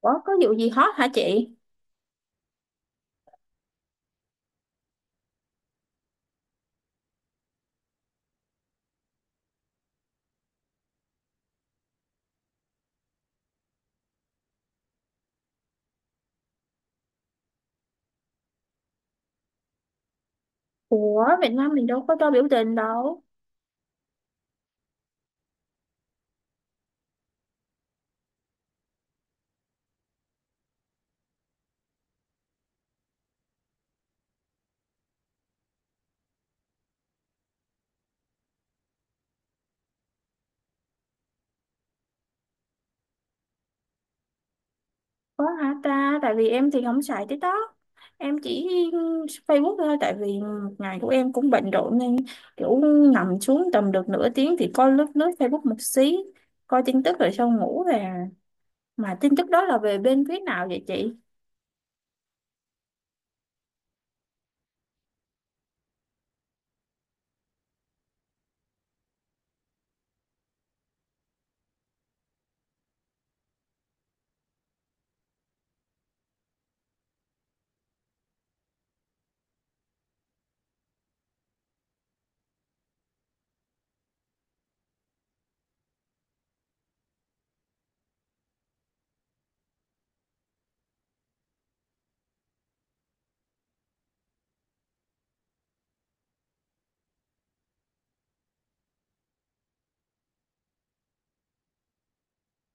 Ủa có vụ gì hot hả chị? Ủa Việt Nam mình đâu có cho biểu tình đâu. Có hả ta? Tại vì em thì không xài TikTok. Em chỉ Facebook thôi. Tại vì ngày của em cũng bận rộn nên kiểu nằm xuống tầm được nửa tiếng thì coi lướt lướt Facebook một xí. Coi tin tức rồi xong ngủ về. Mà tin tức đó là về bên phía nào vậy chị?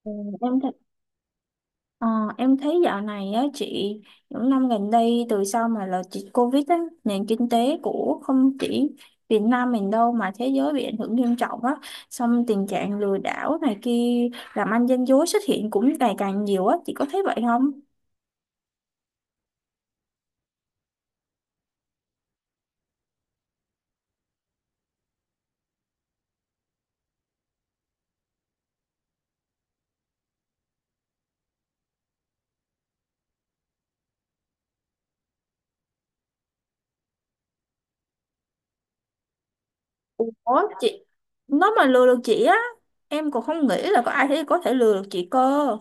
Ừ, em thì ờ, em thấy dạo này á chị, những năm gần đây từ sau mà là chị Covid á, nền kinh tế của không chỉ Việt Nam mình đâu mà thế giới bị ảnh hưởng nghiêm trọng á, xong tình trạng lừa đảo này kia, làm ăn gian dối xuất hiện cũng ngày càng nhiều á, chị có thấy vậy không? Ủa chị, nó mà lừa được chị á, em còn không nghĩ là có ai thế có thể lừa được chị cơ.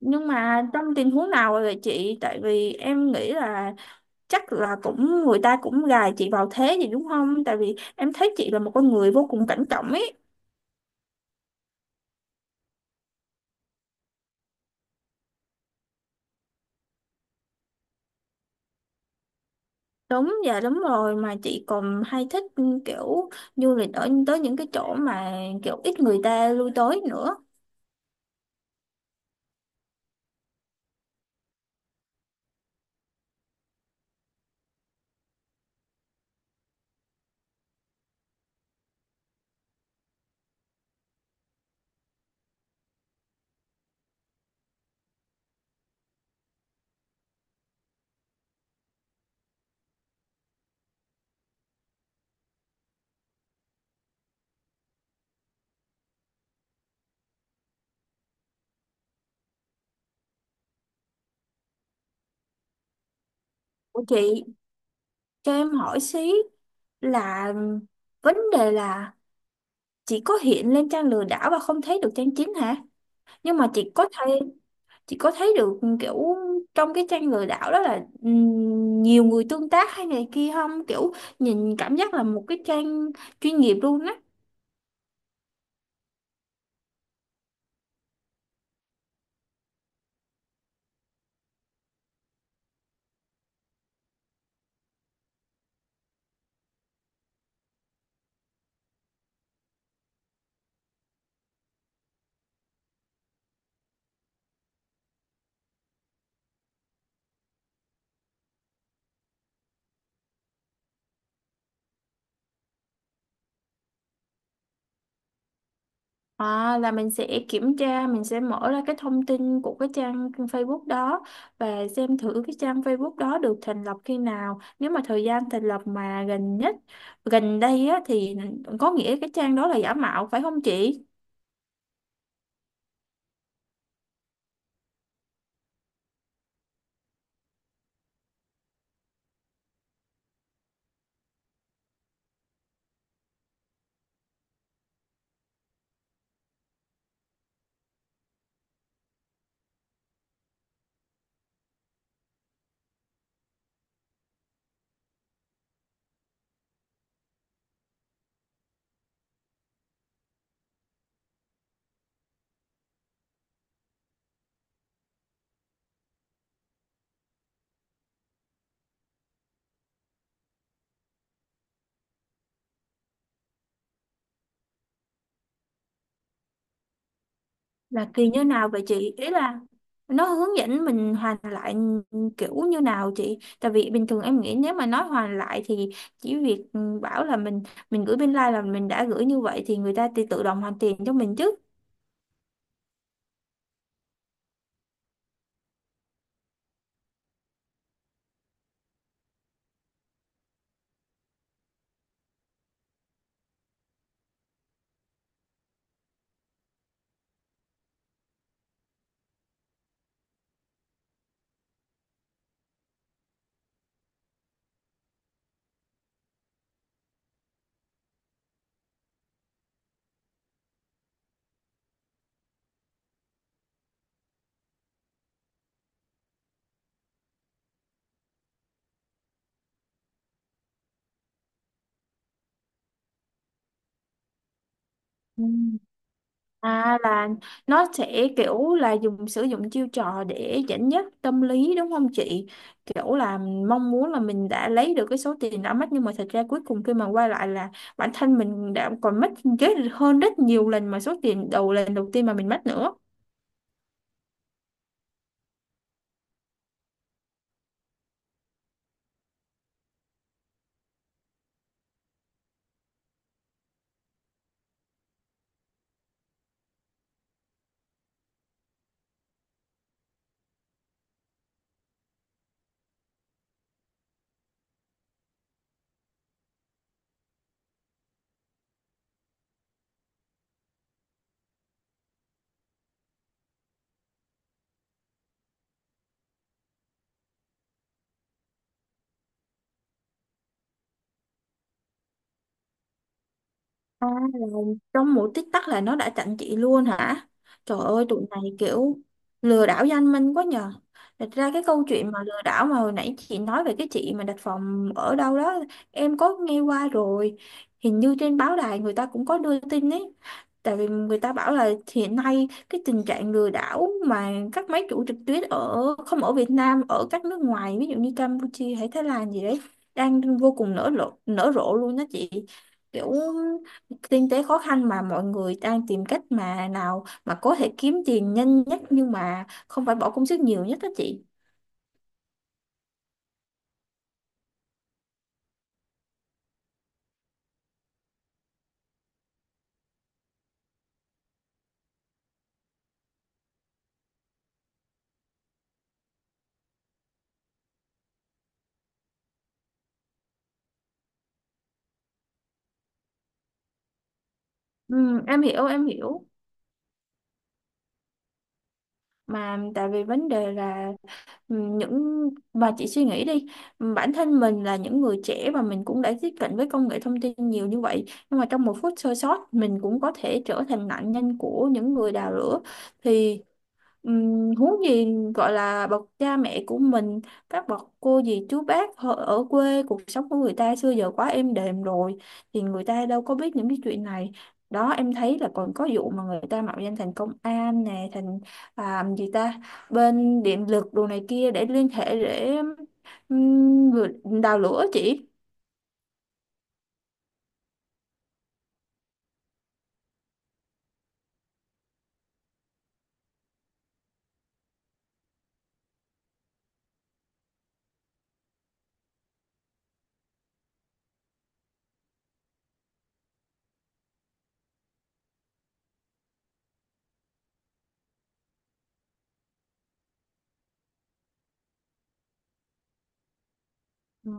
Nhưng mà trong tình huống nào vậy chị, tại vì em nghĩ là chắc là cũng người ta cũng gài chị vào thế gì đúng không, tại vì em thấy chị là một con người vô cùng cảnh trọng ấy. Đúng, dạ đúng rồi, mà chị còn hay thích kiểu du lịch ở tới những cái chỗ mà kiểu ít người ta lui tới nữa. Ủa chị cho em hỏi xí, là vấn đề là chị có hiện lên trang lừa đảo và không thấy được trang chính hả? Nhưng mà chị có thấy, chị có thấy được kiểu trong cái tranh lừa đảo đó là nhiều người tương tác hay này kia không, kiểu nhìn cảm giác là một cái trang chuyên nghiệp luôn á? À, là mình sẽ kiểm tra, mình sẽ mở ra cái thông tin của cái trang Facebook đó và xem thử cái trang Facebook đó được thành lập khi nào, nếu mà thời gian thành lập mà gần nhất, gần đây á thì có nghĩa cái trang đó là giả mạo phải không chị? Là kỳ như nào vậy chị, ý là nó hướng dẫn mình hoàn lại kiểu như nào chị, tại vì bình thường em nghĩ nếu mà nói hoàn lại thì chỉ việc bảo là mình gửi bên like là mình đã gửi, như vậy thì người ta tự tự động hoàn tiền cho mình chứ. À, là nó sẽ kiểu là dùng sử dụng chiêu trò để dẫn dắt tâm lý đúng không chị? Kiểu là mong muốn là mình đã lấy được cái số tiền đã mất nhưng mà thật ra cuối cùng khi mà quay lại là bản thân mình đã còn mất ghế hơn rất nhiều lần mà số tiền đầu lần đầu tiên mà mình mất nữa. À, là trong mỗi tích tắc là nó đã chặn chị luôn hả? Trời ơi, tụi này kiểu lừa đảo danh minh quá nhờ. Thật ra cái câu chuyện mà lừa đảo mà hồi nãy chị nói về cái chị mà đặt phòng ở đâu đó, em có nghe qua rồi. Hình như trên báo đài người ta cũng có đưa tin ấy. Tại vì người ta bảo là hiện nay cái tình trạng lừa đảo mà các máy chủ trực tuyến ở không ở Việt Nam, ở các nước ngoài, ví dụ như Campuchia hay Thái Lan gì đấy, đang vô cùng nở rộ luôn đó chị, kiểu kinh tế khó khăn mà mọi người đang tìm cách mà nào mà có thể kiếm tiền nhanh nhất nhưng mà không phải bỏ công sức nhiều nhất đó chị. Ừ, em hiểu, mà tại vì vấn đề là những mà chị suy nghĩ đi, bản thân mình là những người trẻ và mình cũng đã tiếp cận với công nghệ thông tin nhiều như vậy nhưng mà trong một phút sơ sót mình cũng có thể trở thành nạn nhân của những người đào lửa thì huống gì gọi là bậc cha mẹ của mình, các bậc cô dì chú bác họ ở quê, cuộc sống của người ta xưa giờ quá êm đềm rồi thì người ta đâu có biết những cái chuyện này đó. Em thấy là còn có vụ mà người ta mạo danh thành công an nè, thành à, gì ta, bên điện lực đồ này kia để liên hệ để vừa- đào lửa chị. Ừ.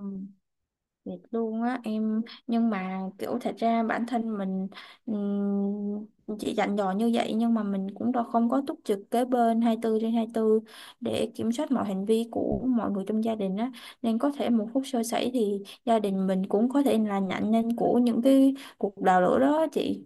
Thiệt luôn á em, nhưng mà kiểu thật ra bản thân mình chỉ dặn dò như vậy nhưng mà mình cũng đâu không có túc trực kế bên 24 trên 24 để kiểm soát mọi hành vi của mọi người trong gia đình á, nên có thể một phút sơ sẩy thì gia đình mình cũng có thể là nạn nhân của những cái cuộc đào lửa đó chị.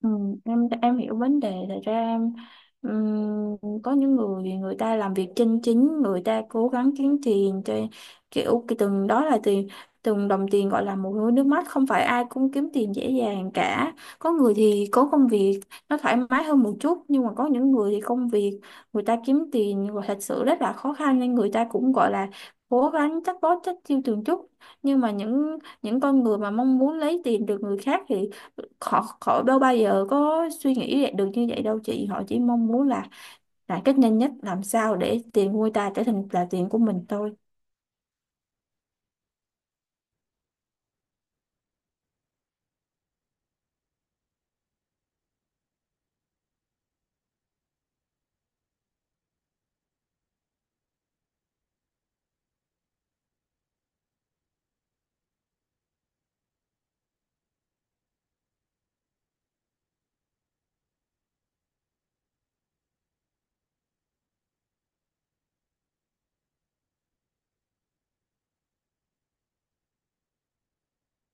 Ừ, em hiểu vấn đề. Thật ra em có những người, người ta làm việc chân chính, người ta cố gắng kiếm tiền cho kiểu cái từng đó là tiền, từng đồng tiền gọi là một nỗi nước mắt, không phải ai cũng kiếm tiền dễ dàng cả. Có người thì có công việc nó thoải mái hơn một chút, nhưng mà có những người thì công việc người ta kiếm tiền gọi thật sự rất là khó khăn, nên người ta cũng gọi là cố gắng chắc bó chắc chiêu từng chút. Nhưng mà những con người mà mong muốn lấy tiền từ người khác thì họ họ đâu bao giờ có suy nghĩ được như vậy đâu chị, họ chỉ mong muốn là cách nhanh nhất làm sao để tiền nuôi ta trở thành là tiền của mình thôi.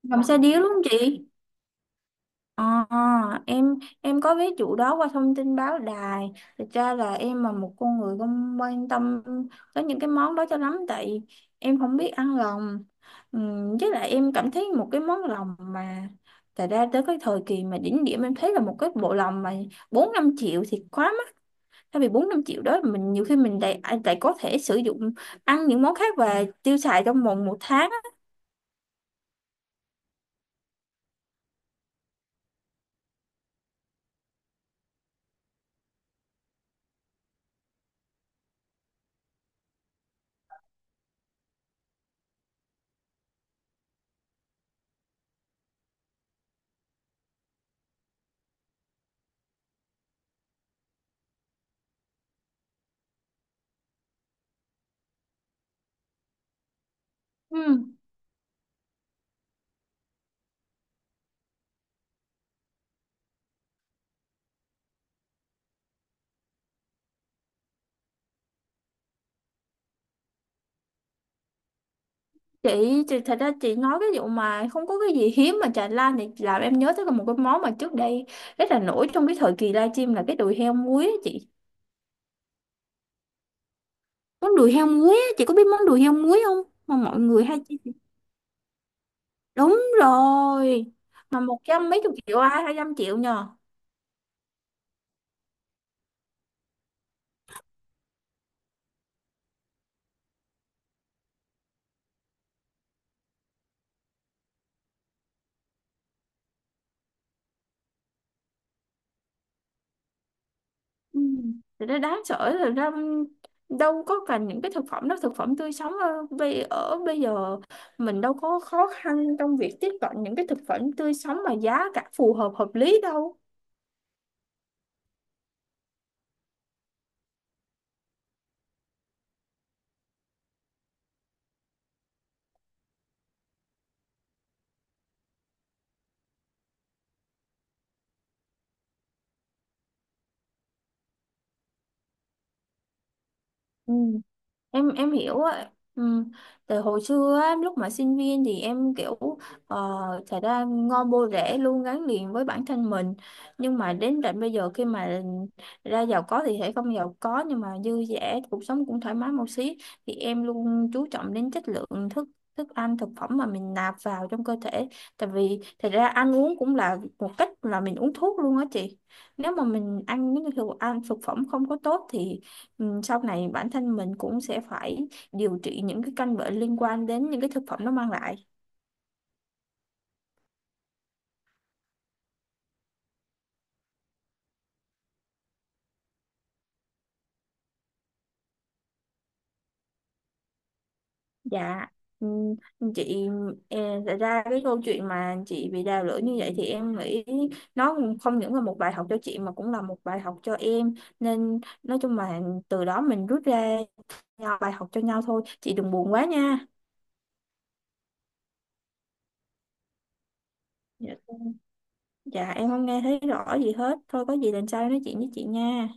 Làm xe điếu đúng không chị? Ờ, em em có ví dụ đó qua thông tin báo đài. Thực ra là em là một con người không quan tâm tới những cái món đó cho lắm, tại em không biết ăn lòng. Với lại em cảm thấy một cái món lòng mà thật ra tới cái thời kỳ mà đỉnh điểm em thấy là một cái bộ lòng mà 4 5 triệu thì quá. Thay vì 4 5 triệu đó mình nhiều khi mình lại à, lại có thể sử dụng ăn những món khác và tiêu xài trong vòng một tháng á. Ừ. Chị thật ra chị nói cái vụ mà không có cái gì hiếm mà trà lan thì làm em nhớ tới là một cái món mà trước đây rất là nổi trong cái thời kỳ livestream là cái đùi heo muối á chị. Món đùi heo muối á, chị có biết món đùi heo muối không? Mà mọi người hay chia. Đúng rồi. Mà 100 mấy chục triệu ai 200 triệu nhờ. Ừ. Thì nó đáng sợ. Thật ra đâu có cần những cái thực phẩm đó, thực phẩm tươi sống ở bây giờ mình đâu có khó khăn trong việc tiếp cận những cái thực phẩm tươi sống mà giá cả phù hợp hợp lý đâu. Ừ. Em hiểu á ừ. Tại hồi xưa á, lúc mà sinh viên thì em kiểu ờ, thật ra ngon bô rễ luôn gắn liền với bản thân mình, nhưng mà đến tận bây giờ khi mà ra giàu có thì sẽ không giàu có nhưng mà dư dả, cuộc sống cũng thoải mái một xí, thì em luôn chú trọng đến chất lượng thức thức ăn thực phẩm mà mình nạp vào trong cơ thể. Tại vì thật ra ăn uống cũng là một cách là mình uống thuốc luôn á chị, nếu mà mình ăn những cái thực phẩm không có tốt thì sau này bản thân mình cũng sẽ phải điều trị những cái căn bệnh liên quan đến những cái thực phẩm nó mang lại. Dạ, ừ, chị, e, thật ra cái câu chuyện mà chị bị đào lưỡi như vậy thì em nghĩ nó không những là một bài học cho chị mà cũng là một bài học cho em. Nên nói chung là từ đó mình rút ra nhau- bài học cho nhau thôi. Chị đừng buồn quá nha. Dạ, dạ em không nghe thấy rõ gì hết. Thôi có gì lần sau em nói chuyện với chị nha.